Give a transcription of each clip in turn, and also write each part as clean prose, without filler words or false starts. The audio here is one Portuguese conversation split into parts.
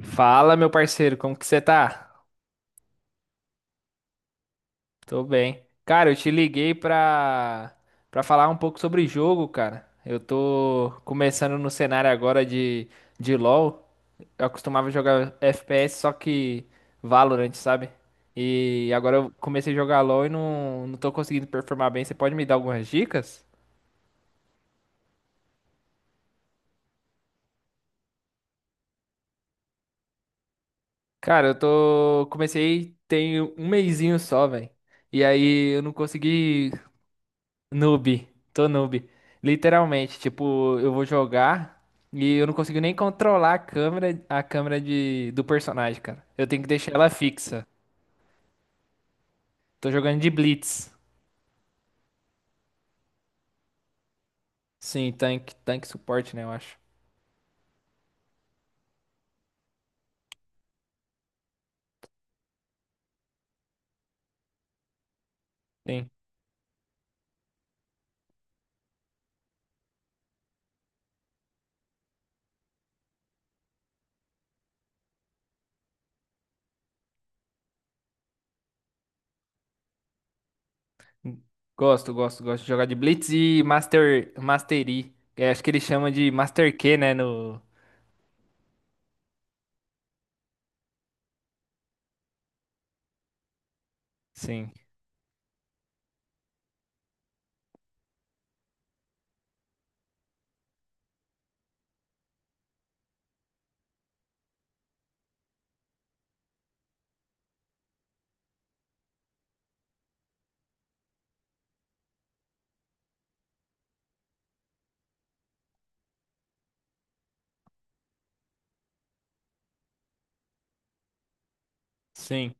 Fala, meu parceiro, como que você tá? Tô bem. Cara, eu te liguei pra falar um pouco sobre jogo, cara. Eu tô começando no cenário agora de LoL. Eu costumava jogar FPS, só que Valorant, sabe? E agora eu comecei a jogar LoL e não tô conseguindo performar bem. Você pode me dar algumas dicas? Cara, eu tô. Comecei tem um mesinho só, velho. E aí eu não consegui. Noob, tô noob. Literalmente, tipo, eu vou jogar e eu não consigo nem controlar a câmera do personagem, cara. Eu tenho que deixar ela fixa. Tô jogando de Blitz. Sim, tanque suporte, né, eu acho. Sim. Gosto de jogar de Blitz e Master, Mastery. É, acho que ele chama de Master Q, né, no... Sim, sim.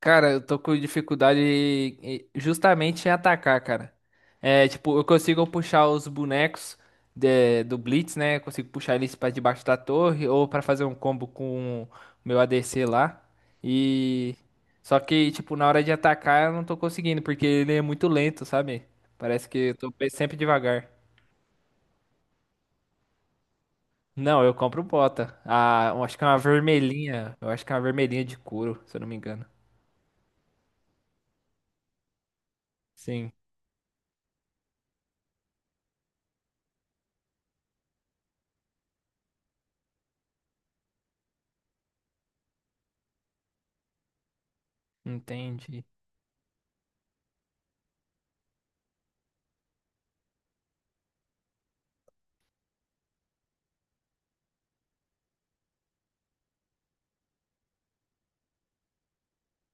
Cara, eu tô com dificuldade justamente em atacar, cara. É, tipo, eu consigo puxar os bonecos do Blitz, né? Eu consigo puxar eles pra debaixo da torre ou pra fazer um combo com o meu ADC lá. E só que, tipo, na hora de atacar eu não tô conseguindo porque ele é muito lento, sabe? Parece que eu tô sempre devagar. Não, eu compro bota. Ah, eu acho que é uma vermelhinha. Eu acho que é uma vermelhinha de couro, se eu não me engano. Sim, entendi.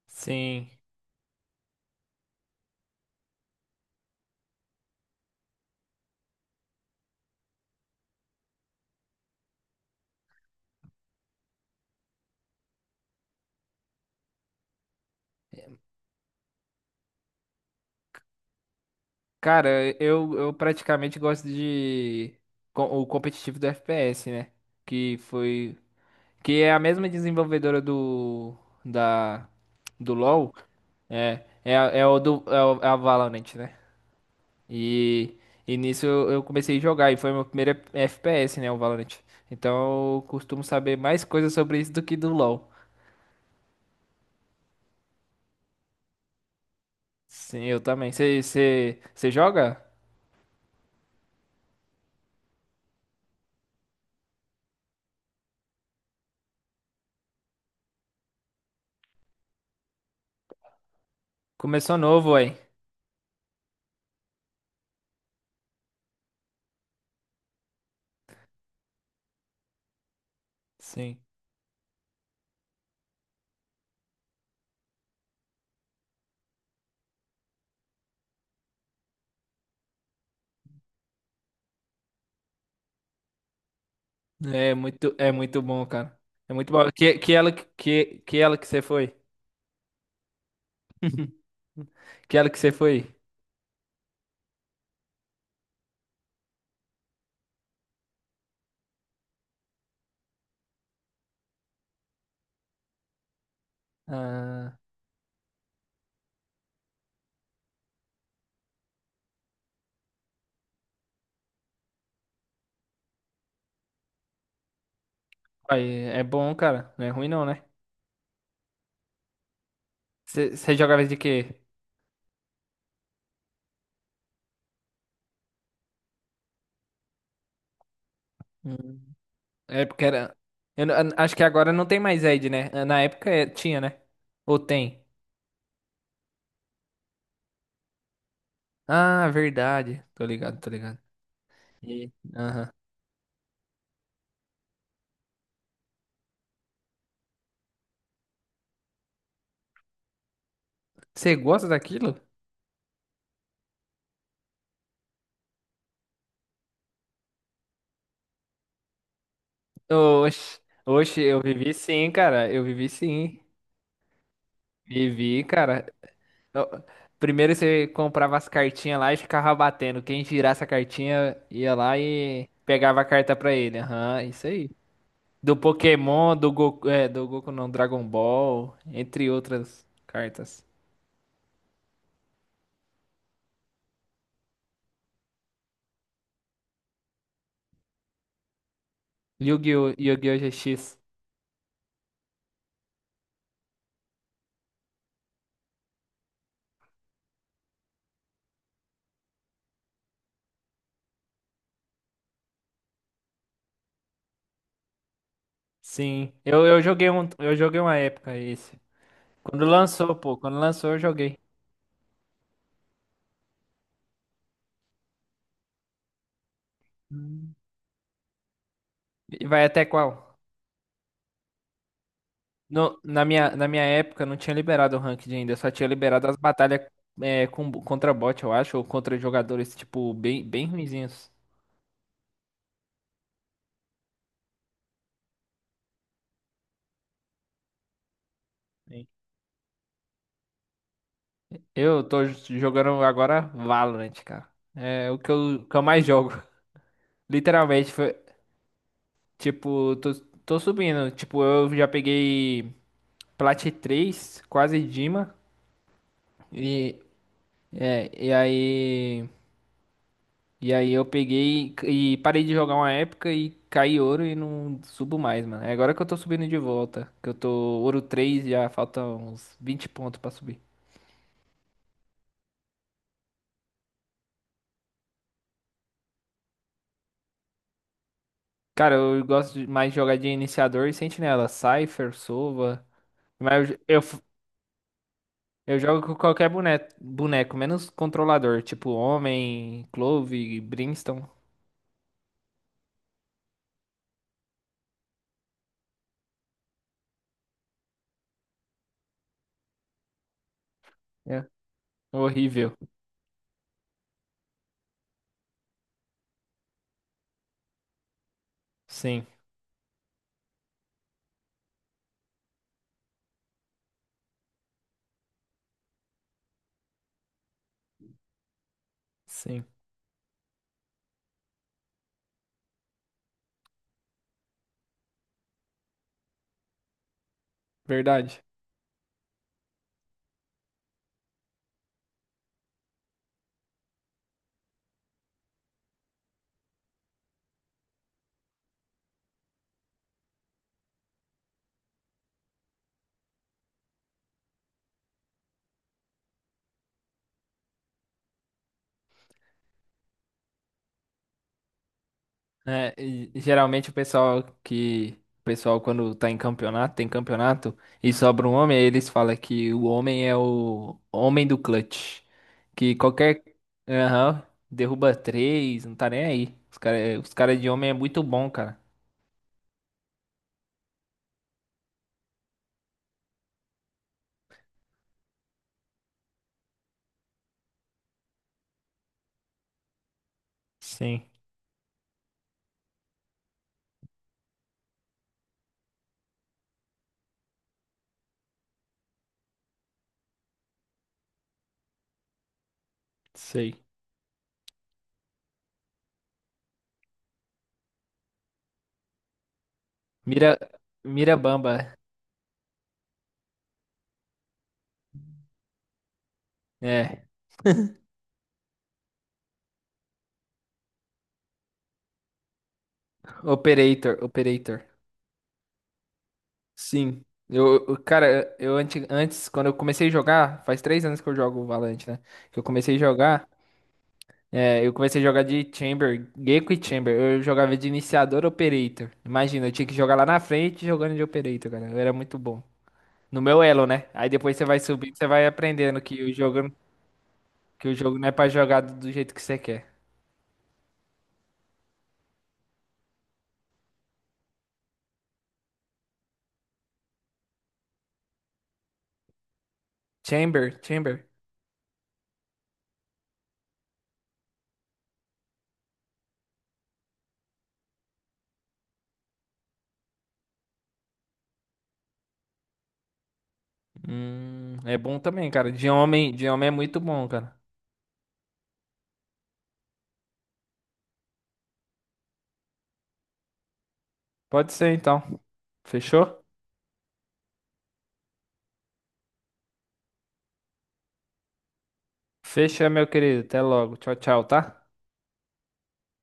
Sim. Cara, eu praticamente gosto de o competitivo do FPS, né? Que foi que é a mesma desenvolvedora da do LoL, é é, a- é o do é, o- é a Valorant, né? E e nisso eu comecei a jogar e foi meu primeiro FPS, né, o Valorant. Então eu costumo saber mais coisas sobre isso do que do LoL. Sim, eu também. Você joga? Começou novo, aí. Sim. É muito bom, cara. É muito bom. Que ela que você foi? Que ela que você foi? Ah, aí, é bom, cara. Não é ruim não, né? Você jogava de quê? Hum. É porque era. Eu acho que agora não tem mais Ed, né? Na época tinha, né? Ou tem? Ah, verdade. Tô ligado, tô ligado. E- Aham. Você gosta daquilo? Oxe, oxe, eu vivi sim, cara. Eu vivi sim. Vivi, cara. Não, primeiro você comprava as cartinhas lá e ficava batendo. Quem girasse a cartinha ia lá e pegava a carta pra ele. Aham, isso aí. Do Pokémon, do Goku, é, do Goku não, Dragon Ball, entre outras cartas. Yu-Gi-Oh! Yu-Gi-Oh! GX. Sim, eu joguei uma época esse. Quando lançou, pô, quando lançou eu joguei. Hum. E vai até qual? Na minha época não tinha liberado o ranked ainda, só tinha liberado as batalhas contra bot, eu acho, ou contra jogadores, tipo, bem, bem ruinzinhos. Sim. Eu tô jogando agora Valorant, cara. É o que que eu mais jogo. Literalmente, foi, tipo, tô subindo. Tipo, eu já peguei Plat 3 quase Dima. E, e aí. E aí eu peguei e parei de jogar uma época e caí ouro e não subo mais, mano. É agora que eu tô subindo de volta. Que eu tô ouro 3, já falta uns vinte pontos pra subir. Cara, eu gosto mais de jogar de iniciador e sentinela. Cypher, Sova. Mas eu jogo com qualquer boneco, menos controlador. Tipo Homem, Clove, Brimstone. É. Horrível. Sim, sim. Verdade. É, e geralmente o pessoal que. O pessoal, quando tá em campeonato, tem campeonato, e sobra um homem, aí eles falam que o homem é o homem do clutch. Que qualquer. Aham, derruba três, não tá nem aí. Os cara de homem é muito bom, cara. Sim, sei. Mira, Mira Bamba. É. Operator, Operator. Sim. Cara, eu antes, quando eu comecei a jogar, faz três anos que eu jogo o Valorant, né? Que eu comecei a jogar. É, eu comecei a jogar de Chamber, Gecko e Chamber. Eu jogava de iniciador Operator. Imagina, eu tinha que jogar lá na frente jogando de Operator, cara. Eu era muito bom. No meu elo, né? Aí depois você vai subindo, você vai aprendendo que o jogo não é pra jogar do jeito que você quer. Chamber, Chamber. É bom também, cara. De homem é muito bom, cara. Pode ser então. Fechou? Fecha, meu querido. Até logo. Tchau, tchau, tá?